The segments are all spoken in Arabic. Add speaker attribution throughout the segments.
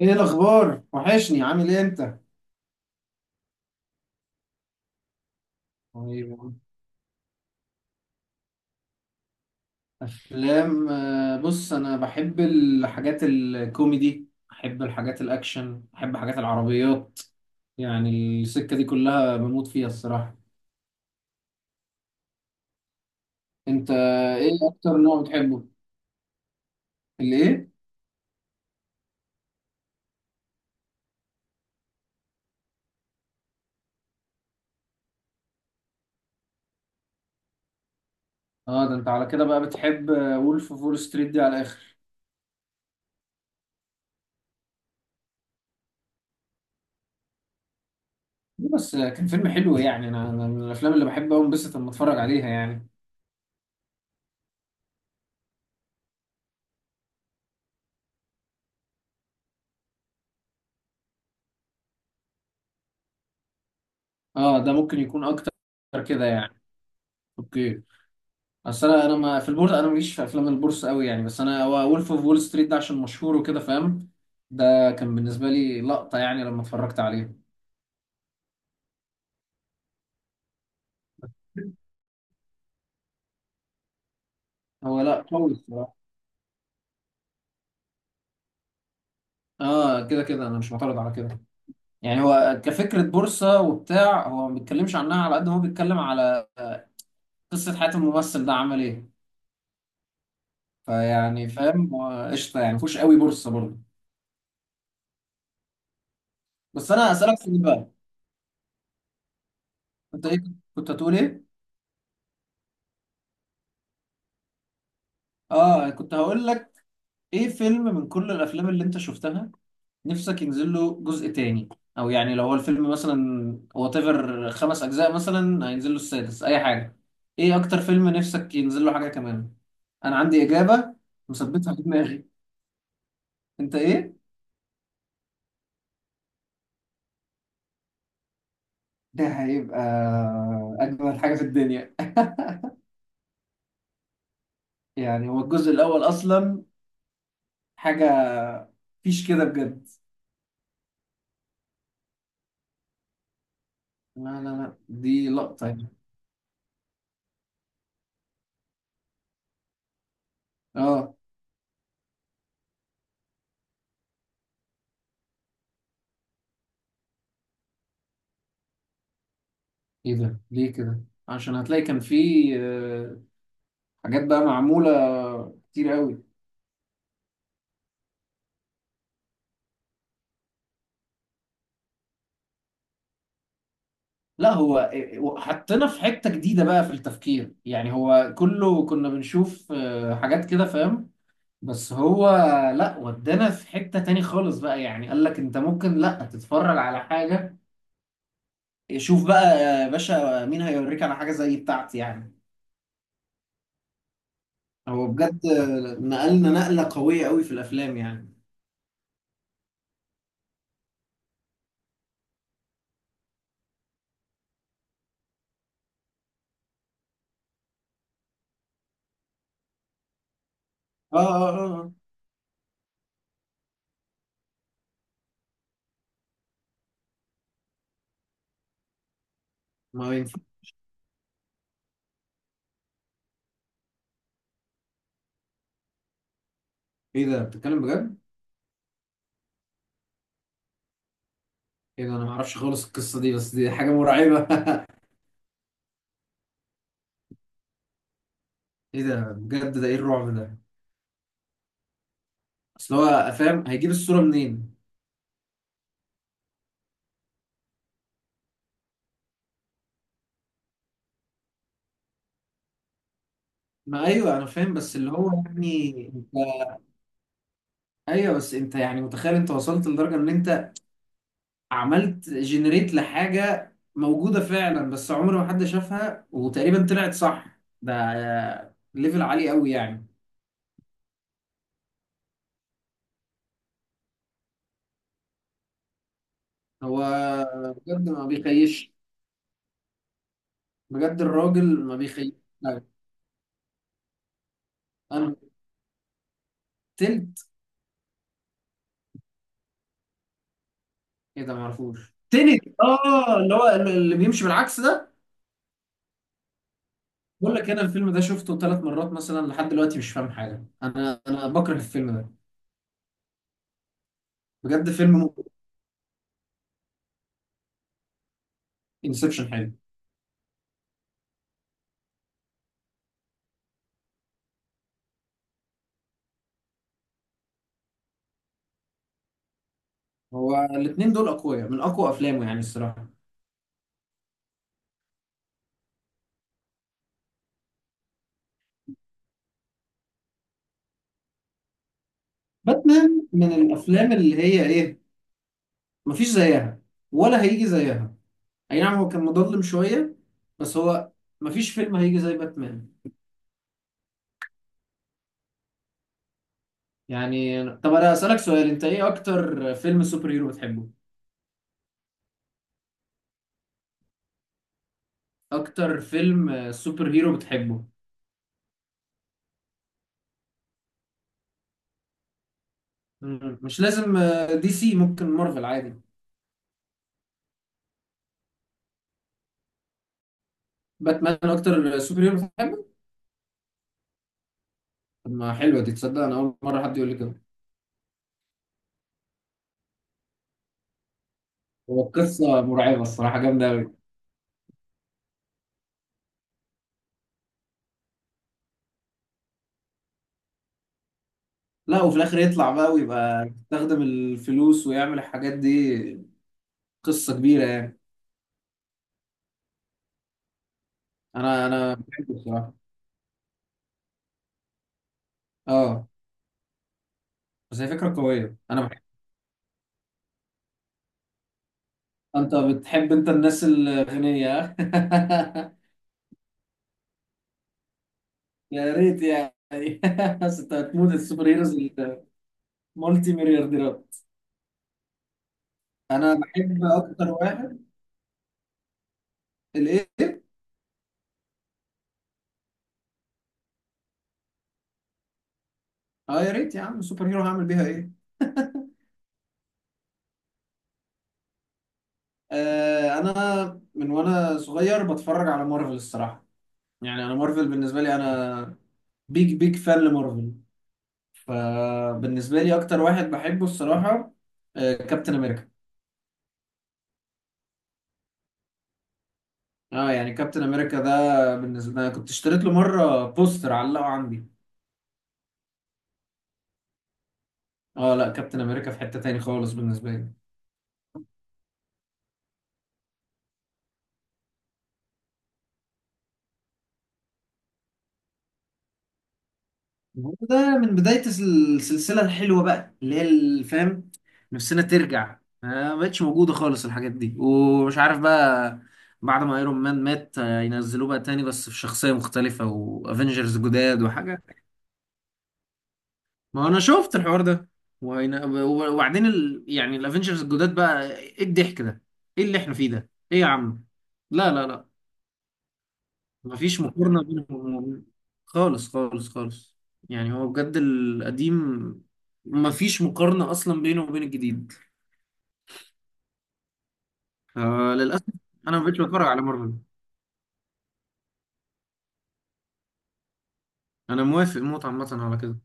Speaker 1: ايه الاخبار؟ وحشني، عامل ايه انت؟ طيب. افلام. بص، انا بحب الحاجات الكوميدي، بحب الحاجات الاكشن، بحب حاجات العربيات. يعني السكة دي كلها بموت فيها الصراحة. انت ايه اكتر نوع بتحبه؟ الايه؟ اه، ده انت على كده بقى بتحب وولف فول ستريت دي على الاخر. ليه بس؟ كان فيلم حلو يعني، أنا من الافلام اللي بحب أوي انبسط لما اتفرج عليها يعني. اه، ده ممكن يكون اكتر كده يعني. اوكي. اصل انا ما في البورصه، انا ماليش في افلام البورصه قوي يعني، بس انا هو وولف اوف وول ستريت ده عشان مشهور وكده فاهم. ده كان بالنسبه لي لقطه يعني لما اتفرجت عليه. هو لا قوي الصراحه. اه، كده كده انا مش معترض على كده. يعني هو كفكره بورصه وبتاع، هو ما بيتكلمش عنها على قد ما هو بيتكلم على قصه حياه الممثل ده عمل ايه. فيعني فاهم، هو قشطه يعني، مفهوش قوي بورصه برضه. بس انا اسالك سؤال بقى. انت ايه كنت هتقول ايه؟ اه، كنت هقول لك، ايه فيلم من كل الافلام اللي انت شفتها نفسك ينزل له جزء تاني؟ او يعني لو هو الفيلم مثلا وات ايفر 5 اجزاء، مثلا هينزل له السادس، اي حاجه، ايه اكتر فيلم نفسك ينزل له حاجه كمان؟ انا عندي اجابه مثبتها في دماغي. انت ايه؟ ده هيبقى اجمل حاجه في الدنيا. يعني هو الجزء الاول اصلا حاجه، مفيش كده بجد. لا لا لا، دي لقطه يعني. اه. ايه ده ليه كده؟ عشان هتلاقي كان في آه، حاجات بقى معموله كتير قوي. لا، هو حطينا في حتة جديدة بقى في التفكير، يعني هو كله كنا بنشوف حاجات كده فاهم. بس هو لا، ودانا في حتة تاني خالص بقى، يعني قال لك انت ممكن لا تتفرج على حاجة. شوف بقى يا باشا مين هيوريك على حاجة زي بتاعتي يعني. هو بجد نقلنا نقلة قوية قوي في الافلام يعني. اه، اه، اه، آه. ما هو ينفع. ايه ده، بتتكلم بجد؟ ايه ده؟ انا ما اعرفش خالص القصة دي، بس دي حاجة مرعبة. ايه ده بجد، ده ايه الرعب ده؟ اصل هو فاهم هيجيب الصورة منين؟ ما ايوه، انا فاهم بس اللي هو يعني انت. ايوه بس انت يعني متخيل انت وصلت لدرجة ان انت عملت جنريت لحاجة موجودة فعلا، بس عمر ما حد شافها وتقريبا طلعت صح، ده ليفل عالي قوي يعني. هو بجد ما بيخيش. بجد الراجل ما بيخيش. لا. انا تلت. ايه ده، ما اعرفوش؟ تنت، اه، اللي هو اللي بيمشي بالعكس ده. بقول لك انا الفيلم ده شفته 3 مرات مثلا لحد دلوقتي، مش فاهم حاجه، انا بكره الفيلم ده. بجد فيلم انسبشن حلو. هو الاثنين دول اقوياء من اقوى افلامه يعني الصراحه. باتمان من الافلام اللي هي ايه، مفيش زيها ولا هيجي زيها. اي نعم، هو كان مظلم شويه بس هو مفيش فيلم هيجي زي باتمان. يعني طب انا اسالك سؤال، انت ايه اكتر فيلم سوبر هيرو بتحبه؟ اكتر فيلم سوبر هيرو بتحبه؟ مش لازم دي سي، ممكن مارفل عادي. باتمان اكتر سوبر هيرو بتحبه؟ طب ما حلوه، دي تصدق انا اول مره حد يقول لي كده. هو القصه مرعبه الصراحه، جامده قوي. لا، وفي الاخر يطلع بقى ويبقى يستخدم الفلوس ويعمل الحاجات دي، قصه كبيره يعني. انا بحبه الصراحه. اه. بس هي فكره قويه، انا بحب. انت بتحب انت الناس الغنيه. يا ريت يعني. بس انت هتموت السوبر هيروز المالتي مليارديرات. انا بحب اكتر واحد الايه. اه يا ريت يا عم، سوبر هيرو هعمل بيها ايه. انا من وانا صغير بتفرج على مارفل الصراحه. يعني انا مارفل بالنسبه لي، انا بيج بيج فان لمارفل. فبالنسبه لي اكتر واحد بحبه الصراحه كابتن امريكا. اه، يعني كابتن امريكا ده بالنسبه لي، أنا كنت اشتريت له مره بوستر علقه عندي. اه لا، كابتن امريكا في حته تاني خالص بالنسبه لي. هو ده من بداية السلسلة الحلوة بقى اللي هي الفهم. نفسنا ترجع، ما بقتش موجودة خالص الحاجات دي ومش عارف بقى. بعد ما ايرون مان مات ينزلوه بقى تاني بس في شخصية مختلفة وافنجرز جداد وحاجة. ما انا شفت الحوار ده. وبعدين يعني الافنجرز الجداد بقى ايه الضحك ده؟ ايه اللي احنا فيه ده؟ ايه يا عم؟ لا لا لا، مفيش مقارنة بينهم خالص خالص خالص. يعني هو بجد القديم مفيش مقارنة أصلا بينه وبين الجديد. فللأسف أنا مبقتش بتفرج على مارفل. أنا موافق موت عامة على كده.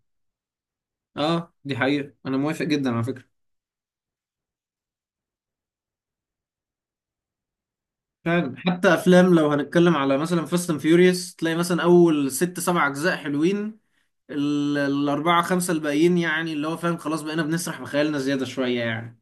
Speaker 1: أه، دي حقيقة، أنا موافق جدا على فكرة. فعلا حتى أفلام، لو هنتكلم على مثلا فاست أند فيوريوس، تلاقي مثلا أول ست سبع أجزاء حلوين. الأربعة خمسة الباقيين يعني اللي هو فاهم، خلاص بقينا بنسرح بخيالنا زيادة شوية يعني.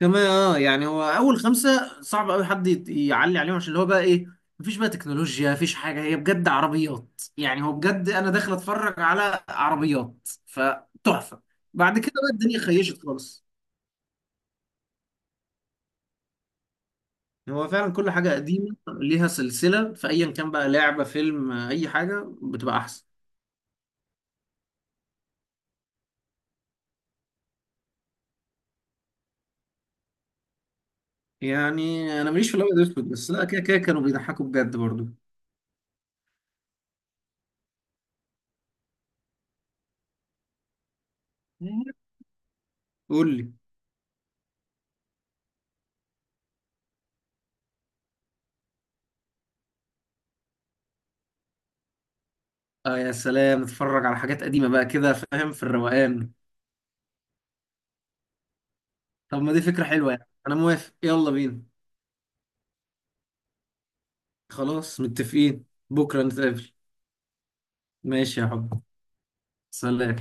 Speaker 1: كمان اه يعني هو اول 5 صعب قوي حد يعلي عليهم، عشان اللي هو بقى ايه، مفيش بقى تكنولوجيا، مفيش حاجه، هي بجد عربيات يعني، هو بجد انا داخل اتفرج على عربيات فتحفه. بعد كده بقى الدنيا خيشت خالص. هو فعلا كل حاجه قديمه ليها سلسله، في ايا كان بقى لعبه، فيلم، اي حاجه بتبقى احسن. يعني انا ماليش في الابيض والاسود، بس لا، كده كده كانوا بيضحكوا بجد برضو. قول لي. اه يا سلام، اتفرج على حاجات قديمه بقى كده فاهم، في الروقان. طب ما دي فكرة حلوة، يعني أنا موافق، يلا بينا. خلاص متفقين. بكرة نتقابل. ماشي يا حب، سلام.